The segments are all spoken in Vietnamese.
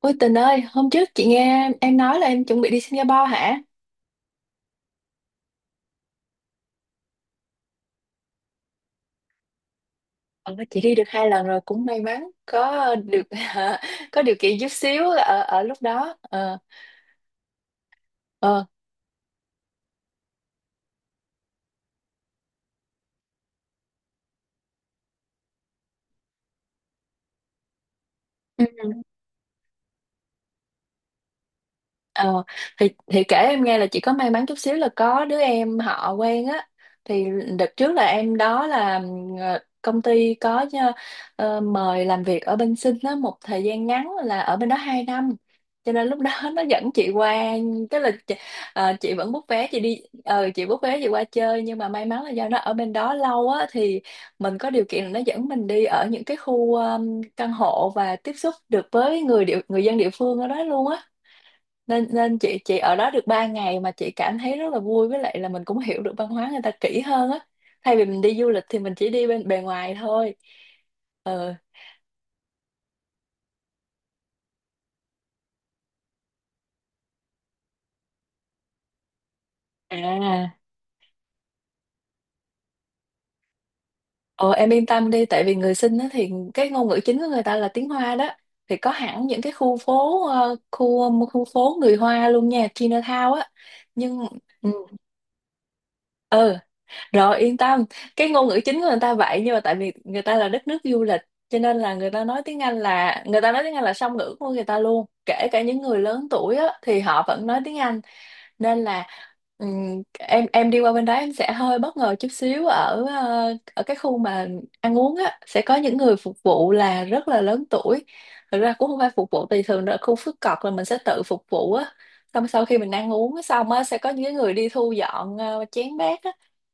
Ôi Tình ơi, hôm trước chị nghe em nói là em chuẩn bị đi Singapore hả? Ờ, chị đi được 2 lần rồi, cũng may mắn có được có điều kiện chút xíu ở ở lúc đó. Ờ, ờ. Ờ, thì kể em nghe là chị có may mắn chút xíu là có đứa em họ quen á, thì đợt trước là em đó là công ty có mời làm việc ở bên Sinh á một thời gian ngắn, là ở bên đó 2 năm, cho nên lúc đó nó dẫn chị qua, tức là chị vẫn book vé chị đi, chị book vé chị qua chơi, nhưng mà may mắn là do nó ở bên đó lâu á, thì mình có điều kiện là nó dẫn mình đi ở những cái khu căn hộ, và tiếp xúc được với người dân địa phương ở đó luôn á, nên nên chị ở đó được 3 ngày mà chị cảm thấy rất là vui, với lại là mình cũng hiểu được văn hóa người ta kỹ hơn á, thay vì mình đi du lịch thì mình chỉ đi bên bề ngoài thôi. Ờ à ờ em yên tâm đi, tại vì người sinh á thì cái ngôn ngữ chính của người ta là tiếng Hoa đó, thì có hẳn những cái khu phố, khu khu phố người Hoa luôn nha, Chinatown á. nhưng ừ, ừ. Rồi yên tâm, cái ngôn ngữ chính của người ta vậy, nhưng mà tại vì người ta là đất nước du lịch, cho nên là người ta nói tiếng Anh, là người ta nói tiếng Anh, là song ngữ của người ta luôn. Kể cả những người lớn tuổi á, thì họ vẫn nói tiếng Anh, nên là em đi qua bên đó em sẽ hơi bất ngờ chút xíu ở ở cái khu mà ăn uống á, sẽ có những người phục vụ là rất là lớn tuổi. Thực ra cũng không phải phục vụ, thì thường ở khu phức cọc là mình sẽ tự phục vụ á, xong sau khi mình ăn uống xong á, sẽ có những cái người đi thu dọn chén bát á,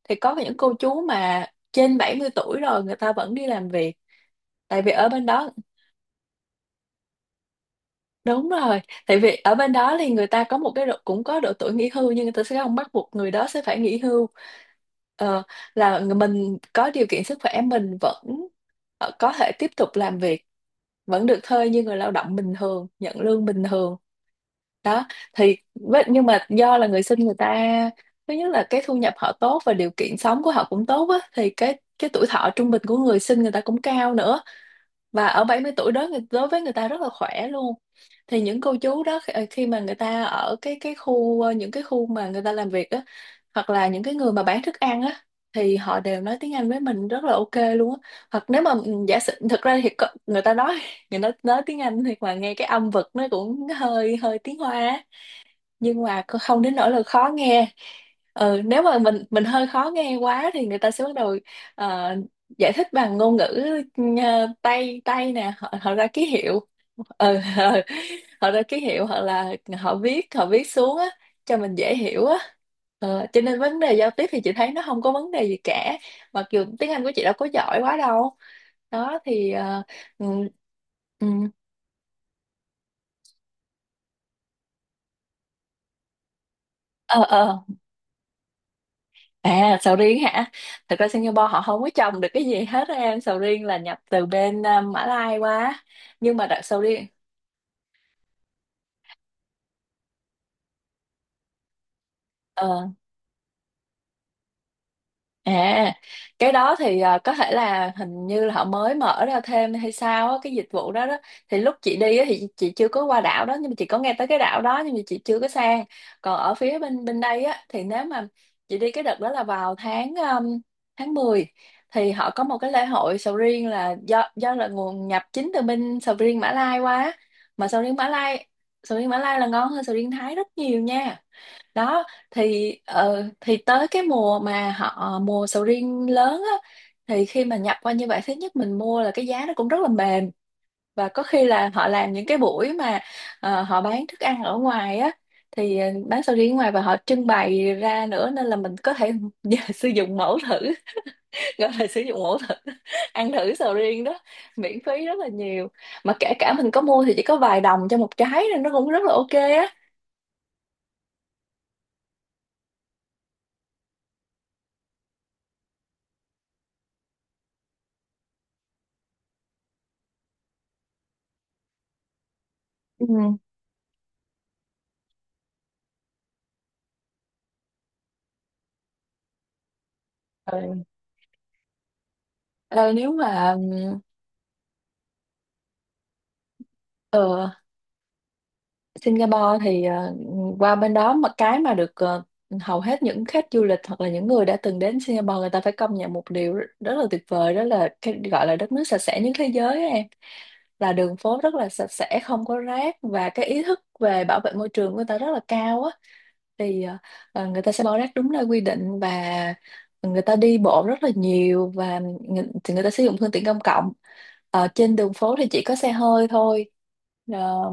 thì có những cô chú mà trên 70 tuổi rồi người ta vẫn đi làm việc, tại vì ở bên đó. Đúng rồi, tại vì ở bên đó thì người ta có một cái độ, cũng có độ tuổi nghỉ hưu, nhưng người ta sẽ không bắt buộc người đó sẽ phải nghỉ hưu. Ờ, mình có điều kiện sức khỏe mình vẫn có thể tiếp tục làm việc, vẫn được thuê như người lao động bình thường, nhận lương bình thường. Đó, nhưng mà do là người sinh, người ta thứ nhất là cái thu nhập họ tốt, và điều kiện sống của họ cũng tốt á, thì cái tuổi thọ trung bình của người sinh người ta cũng cao nữa, và ở 70 tuổi đó đối với người ta rất là khỏe luôn. Thì những cô chú đó khi khi mà người ta ở những cái khu mà người ta làm việc á, hoặc là những cái người mà bán thức ăn á, thì họ đều nói tiếng Anh với mình rất là ok luôn á. Hoặc nếu mà giả sử, thực ra thì có- người ta nói người ta nói tiếng Anh thì mà nghe cái âm vực nó cũng hơi hơi tiếng Hoa á, nhưng mà cô không đến nỗi là khó nghe. Ừ, nếu mà mình hơi khó nghe quá thì người ta sẽ bắt đầu ờ, giải thích bằng ngôn ngữ, tay tay nè, họ ra ký hiệu. Ừ, ừ. Họ ra ký hiệu, hoặc là họ viết xuống á cho mình dễ hiểu á. Ờ, cho nên vấn đề giao tiếp thì chị thấy nó không có vấn đề gì cả, mặc dù tiếng Anh của chị đâu có giỏi quá đâu. Đó thì ừ, ừ. ờ ờ À, sầu riêng hả? Thật ra Singapore họ không có trồng được cái gì hết á em. Sầu riêng là nhập từ bên Mã Lai qua. Nhưng mà đặc sầu riêng ờ, À, cái đó thì à, có thể là hình như là họ mới mở ra thêm hay sao á, cái dịch vụ đó đó. Thì lúc chị đi á, thì chị chưa có qua đảo đó, nhưng mà chị có nghe tới cái đảo đó, nhưng mà chị chưa có sang. Còn ở phía bên bên đây á, thì nếu mà chị đi cái đợt đó là vào tháng tháng 10, thì họ có một cái lễ hội sầu riêng là do là nguồn nhập chính từ bên sầu riêng Mã Lai qua á. Mà sầu riêng Mã Lai, sầu riêng Mã Lai là ngon hơn sầu riêng Thái rất nhiều nha. Đó thì thì tới cái mùa mà họ mùa sầu riêng lớn á, thì khi mà nhập qua như vậy, thứ nhất mình mua là cái giá nó cũng rất là mềm, và có khi là họ làm những cái buổi mà họ bán thức ăn ở ngoài á, thì bán sầu riêng ở ngoài và họ trưng bày ra nữa, nên là mình có thể sử dụng mẫu thử, gọi là sử dụng mẫu thử, ăn thử sầu riêng đó miễn phí rất là nhiều, mà kể cả mình có mua thì chỉ có vài đồng cho một trái, nên nó cũng rất là ok á. Ừ. Ừ. Ờ, nếu mà. Ờ, Singapore thì qua bên đó mà cái mà được hầu hết những khách du lịch, hoặc là những người đã từng đến Singapore, người ta phải công nhận một điều rất, rất là tuyệt vời, đó là cái gọi là đất nước sạch sẽ nhất thế giới á em, là đường phố rất là sạch sẽ không có rác, và cái ý thức về bảo vệ môi trường của người ta rất là cao á. Thì người ta sẽ bỏ rác đúng nơi quy định, và người ta đi bộ rất là nhiều, và thì người ta sử dụng phương tiện công cộng. Ờ, trên đường phố thì chỉ có xe hơi thôi. Ờ,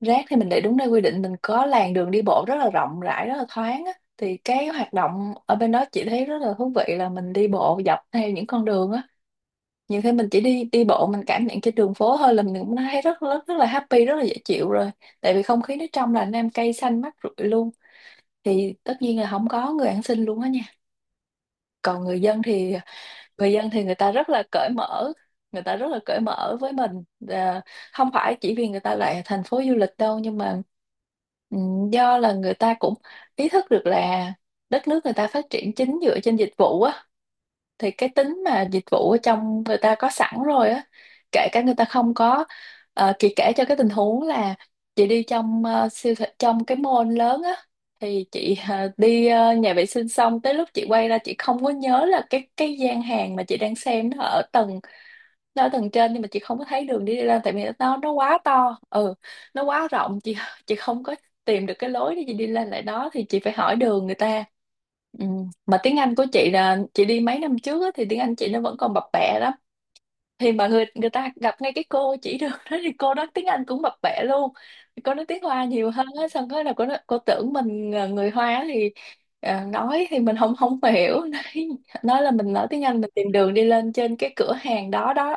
rác thì mình để đúng nơi quy định, mình có làn đường đi bộ rất là rộng rãi, rất là thoáng á, thì cái hoạt động ở bên đó chị thấy rất là thú vị, là mình đi bộ dọc theo những con đường á, nhiều khi mình chỉ đi đi bộ, mình cảm nhận cái đường phố thôi, là mình cũng thấy rất rất rất là happy, rất là dễ chịu rồi, tại vì không khí nó trong lành, nam cây xanh mát rượi luôn. Thì tất nhiên là không có người ăn xin luôn á nha. Còn người dân thì người ta rất là cởi mở, người ta rất là cởi mở với mình. Và không phải chỉ vì người ta là thành phố du lịch đâu, nhưng mà ừ, do là người ta cũng ý thức được là đất nước người ta phát triển chính dựa trên dịch vụ á, thì cái tính mà dịch vụ ở trong người ta có sẵn rồi á, kể cả người ta không có. Chị kể cho cái tình huống là chị đi trong siêu thị, trong cái mall lớn á, thì chị đi nhà vệ sinh, xong tới lúc chị quay ra chị không có nhớ là cái gian hàng mà chị đang xem nó ở tầng, nó ở tầng trên, nhưng mà chị không có thấy đường đi lên, tại vì nó quá to. Ừ nó quá rộng chị không có tìm được cái lối để chị đi lên lại đó, thì chị phải hỏi đường người ta. Ừ. Mà tiếng Anh của chị là chị đi mấy năm trước á, thì tiếng Anh chị nó vẫn còn bập bẹ lắm. Thì mà người người ta gặp ngay cái cô chỉ đường đó thì cô nói tiếng Anh cũng bập bẹ luôn. Cô nói tiếng Hoa nhiều hơn á, xong cái là cô nói, cô tưởng mình là người Hoa thì nói thì mình không không hiểu nói là mình nói tiếng Anh, mình tìm đường đi lên trên cái cửa hàng đó đó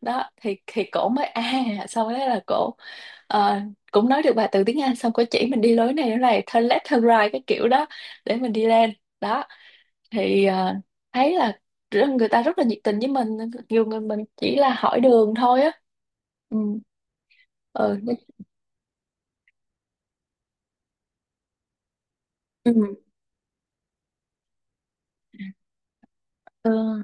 đó thì cổ mới à, xong đó là cổ ờ, cũng nói được vài từ tiếng Anh, xong cổ chỉ mình đi lối này turn left turn right cái kiểu đó để mình đi lên. Đó thì thấy là người ta rất là nhiệt tình với mình, nhiều người mình chỉ là hỏi đường thôi á. Ừ. Ừ. Ừ. Ừ.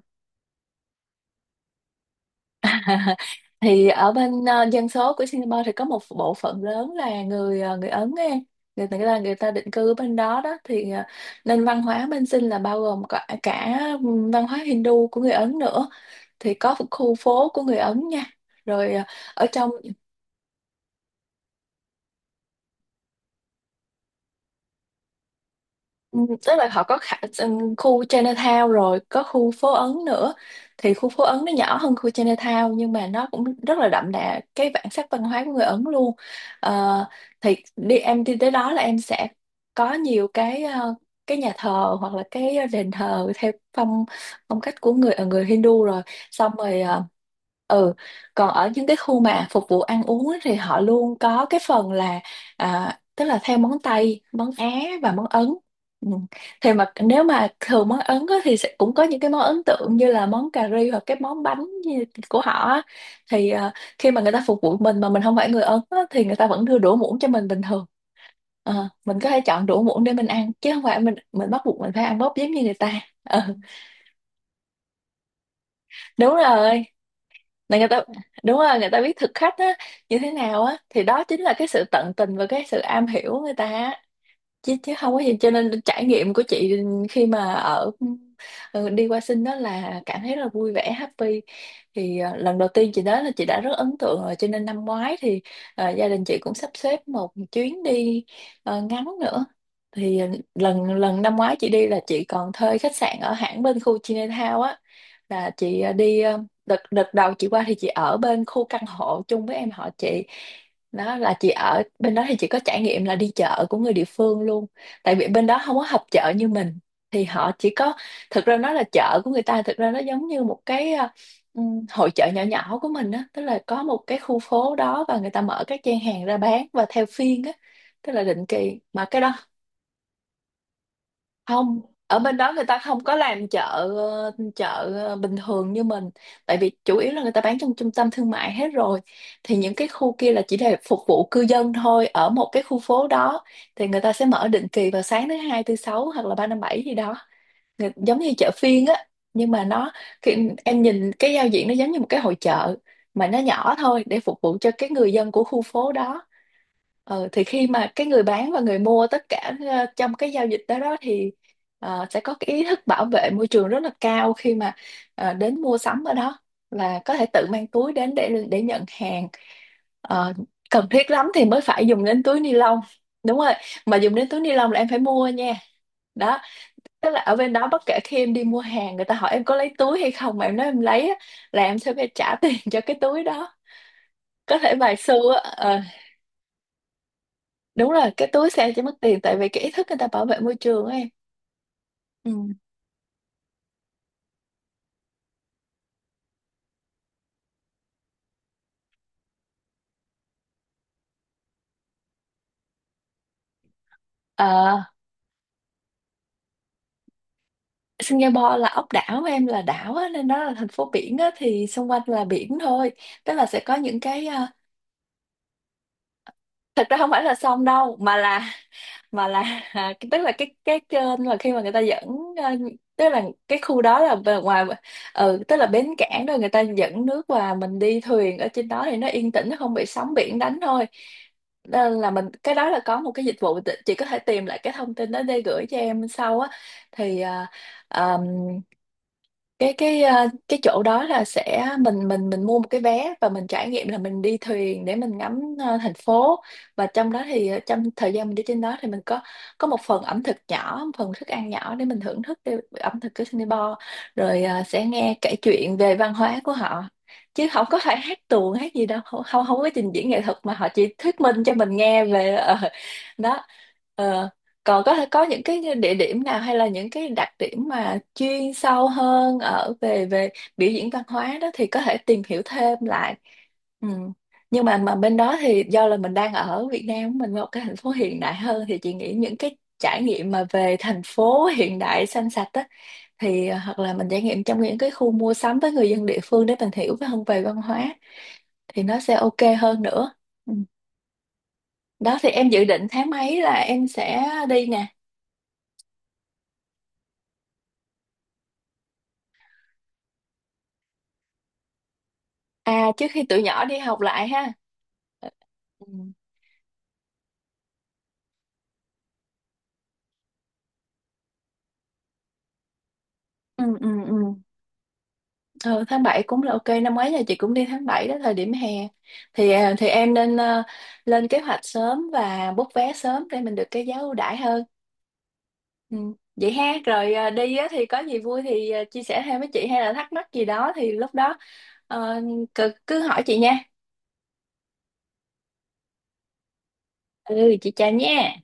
Thì ở bên dân số của Singapore thì có một bộ phận lớn là người người Ấn ấy. Người ta là người ta định cư ở bên đó đó thì nên văn hóa bên Sing là bao gồm cả văn hóa Hindu của người Ấn nữa, thì có khu phố của người Ấn nha. Rồi ở trong. Ừ, tức là họ có khu Chinatown rồi có khu phố Ấn nữa, thì khu phố Ấn nó nhỏ hơn khu Chinatown nhưng mà nó cũng rất là đậm đà cái bản sắc văn hóa của người Ấn luôn. Ờ, thì đi em đi tới đó là em sẽ có nhiều cái cái nhà thờ hoặc là cái đền thờ theo phong phong cách của người người Hindu rồi, xong rồi ừ. Còn ở những cái khu mà phục vụ ăn uống á thì họ luôn có cái phần là à, tức là theo món Tây, món Á và món Ấn. Ừ. Thì mà nếu mà thường món Ấn á, thì sẽ cũng có những cái món ấn tượng như là món cà ri hoặc cái món bánh của họ á. Thì khi mà người ta phục vụ mình mà mình không phải người Ấn á, thì người ta vẫn đưa đũa muỗng cho mình bình thường. Ờ, mình có thể chọn đũa muỗng để mình ăn chứ không phải mình bắt buộc mình phải ăn bóp giống như người ta. Ờ, đúng rồi. Là người ta, đúng rồi, người ta biết thực khách á, như thế nào á, thì đó chính là cái sự tận tình và cái sự am hiểu người ta á. Chứ chứ không có gì, cho nên trải nghiệm của chị khi mà ở đi qua sinh đó là cảm thấy rất là vui vẻ, happy. Thì lần đầu tiên chị đến là chị đã rất ấn tượng rồi, cho nên năm ngoái thì gia đình chị cũng sắp xếp một chuyến đi ngắn nữa. Thì ờ, lần lần năm ngoái chị đi là chị còn thuê khách sạn ở hãng bên khu Chinatown á, là chị đi đợt đợt đầu chị qua thì chị ở bên khu căn hộ chung với em họ chị. Đó là chị ở bên đó thì chị có trải nghiệm là đi chợ của người địa phương luôn, tại vì bên đó không có họp chợ như mình. Thì họ chỉ có, thực ra nó là chợ của người ta, thực ra nó giống như một cái hội chợ nhỏ nhỏ của mình á, tức là có một cái khu phố đó và người ta mở các gian hàng ra bán và theo phiên á, tức là định kỳ mà cái đó. Không, ở bên đó người ta không có làm chợ chợ bình thường như mình, tại vì chủ yếu là người ta bán trong trung tâm thương mại hết rồi. Thì những cái khu kia là chỉ để phục vụ cư dân thôi ở một cái khu phố đó, thì người ta sẽ mở định kỳ vào sáng thứ hai thứ sáu hoặc là ba năm bảy gì đó. Giống như chợ phiên á, nhưng mà nó, khi em nhìn cái giao diện nó giống như một cái hội chợ mà nó nhỏ thôi, để phục vụ cho cái người dân của khu phố đó. Ờ, thì khi mà cái người bán và người mua tất cả trong cái giao dịch đó đó thì sẽ có cái ý thức bảo vệ môi trường rất là cao khi mà đến mua sắm ở đó, là có thể tự mang túi đến để nhận hàng. Ờ, cần thiết lắm thì mới phải dùng đến túi ni lông. Đúng rồi, mà dùng đến túi ni lông là em phải mua nha. Đó, tức là ở bên đó bất kể khi em đi mua hàng, người ta hỏi em có lấy túi hay không, mà em nói em lấy á, là em sẽ phải trả tiền cho cái túi đó. Có thể vài xu á. Ờ, đúng rồi, cái túi xe chỉ mất tiền tại vì cái ý thức người ta bảo vệ môi trường ấy em. Ừ. Ờ, Singapore là ốc đảo mà em, là đảo á, nên nó là thành phố biển á, thì xung quanh là biển thôi. Tức là sẽ có những cái thật ra không phải là sông đâu mà là, mà là tức là cái kênh mà khi mà người ta dẫn ờ, tức là cái khu đó là bề ngoài. Ừ, tức là bến cảng rồi người ta dẫn nước và mình đi thuyền ở trên đó thì nó yên tĩnh, nó không bị sóng biển đánh thôi. Nên là mình, cái đó là có một cái dịch vụ chị có thể tìm lại cái thông tin đó để gửi cho em sau á. Thì à, cái chỗ đó là sẽ mình mua một cái vé và mình trải nghiệm là mình đi thuyền để mình ngắm thành phố, và trong đó thì trong thời gian mình đi trên đó thì mình có một phần ẩm thực nhỏ, một phần thức ăn nhỏ để mình thưởng thức cái ẩm thực của Singapore, rồi sẽ nghe kể chuyện về văn hóa của họ, chứ không có phải hát tuồng hát gì đâu, không không không có trình diễn nghệ thuật mà họ chỉ thuyết minh cho mình nghe về đó. Ờ, còn có những cái địa điểm nào hay là những cái đặc điểm mà chuyên sâu hơn ở về về biểu diễn văn hóa đó thì có thể tìm hiểu thêm lại. Ừ. Nhưng mà bên đó thì do là mình đang ở Việt Nam mình một cái thành phố hiện đại hơn, thì chị nghĩ những cái trải nghiệm mà về thành phố hiện đại xanh sạch á, thì hoặc là mình trải nghiệm trong những cái khu mua sắm với người dân địa phương để mình hiểu hơn về văn hóa, thì nó sẽ ok hơn nữa. Ừ. Đó, thì em dự định tháng mấy là em sẽ đi nè? À, trước khi tụi nhỏ đi học lại ha. Ừ. Ừ, ừ, ừ. Ừ, tháng 7 cũng là ok, năm ngoái nhà chị cũng đi tháng 7 đó, thời điểm hè. Thì à, thì em nên lên kế hoạch sớm và book vé sớm để mình được cái giá ưu đãi hơn. Ừ. Vậy ha, rồi à, đi á, thì có gì vui thì à, chia sẻ thêm với chị hay là thắc mắc gì đó thì lúc đó ờ, cứ hỏi chị nha. Ừ, chị chào nha.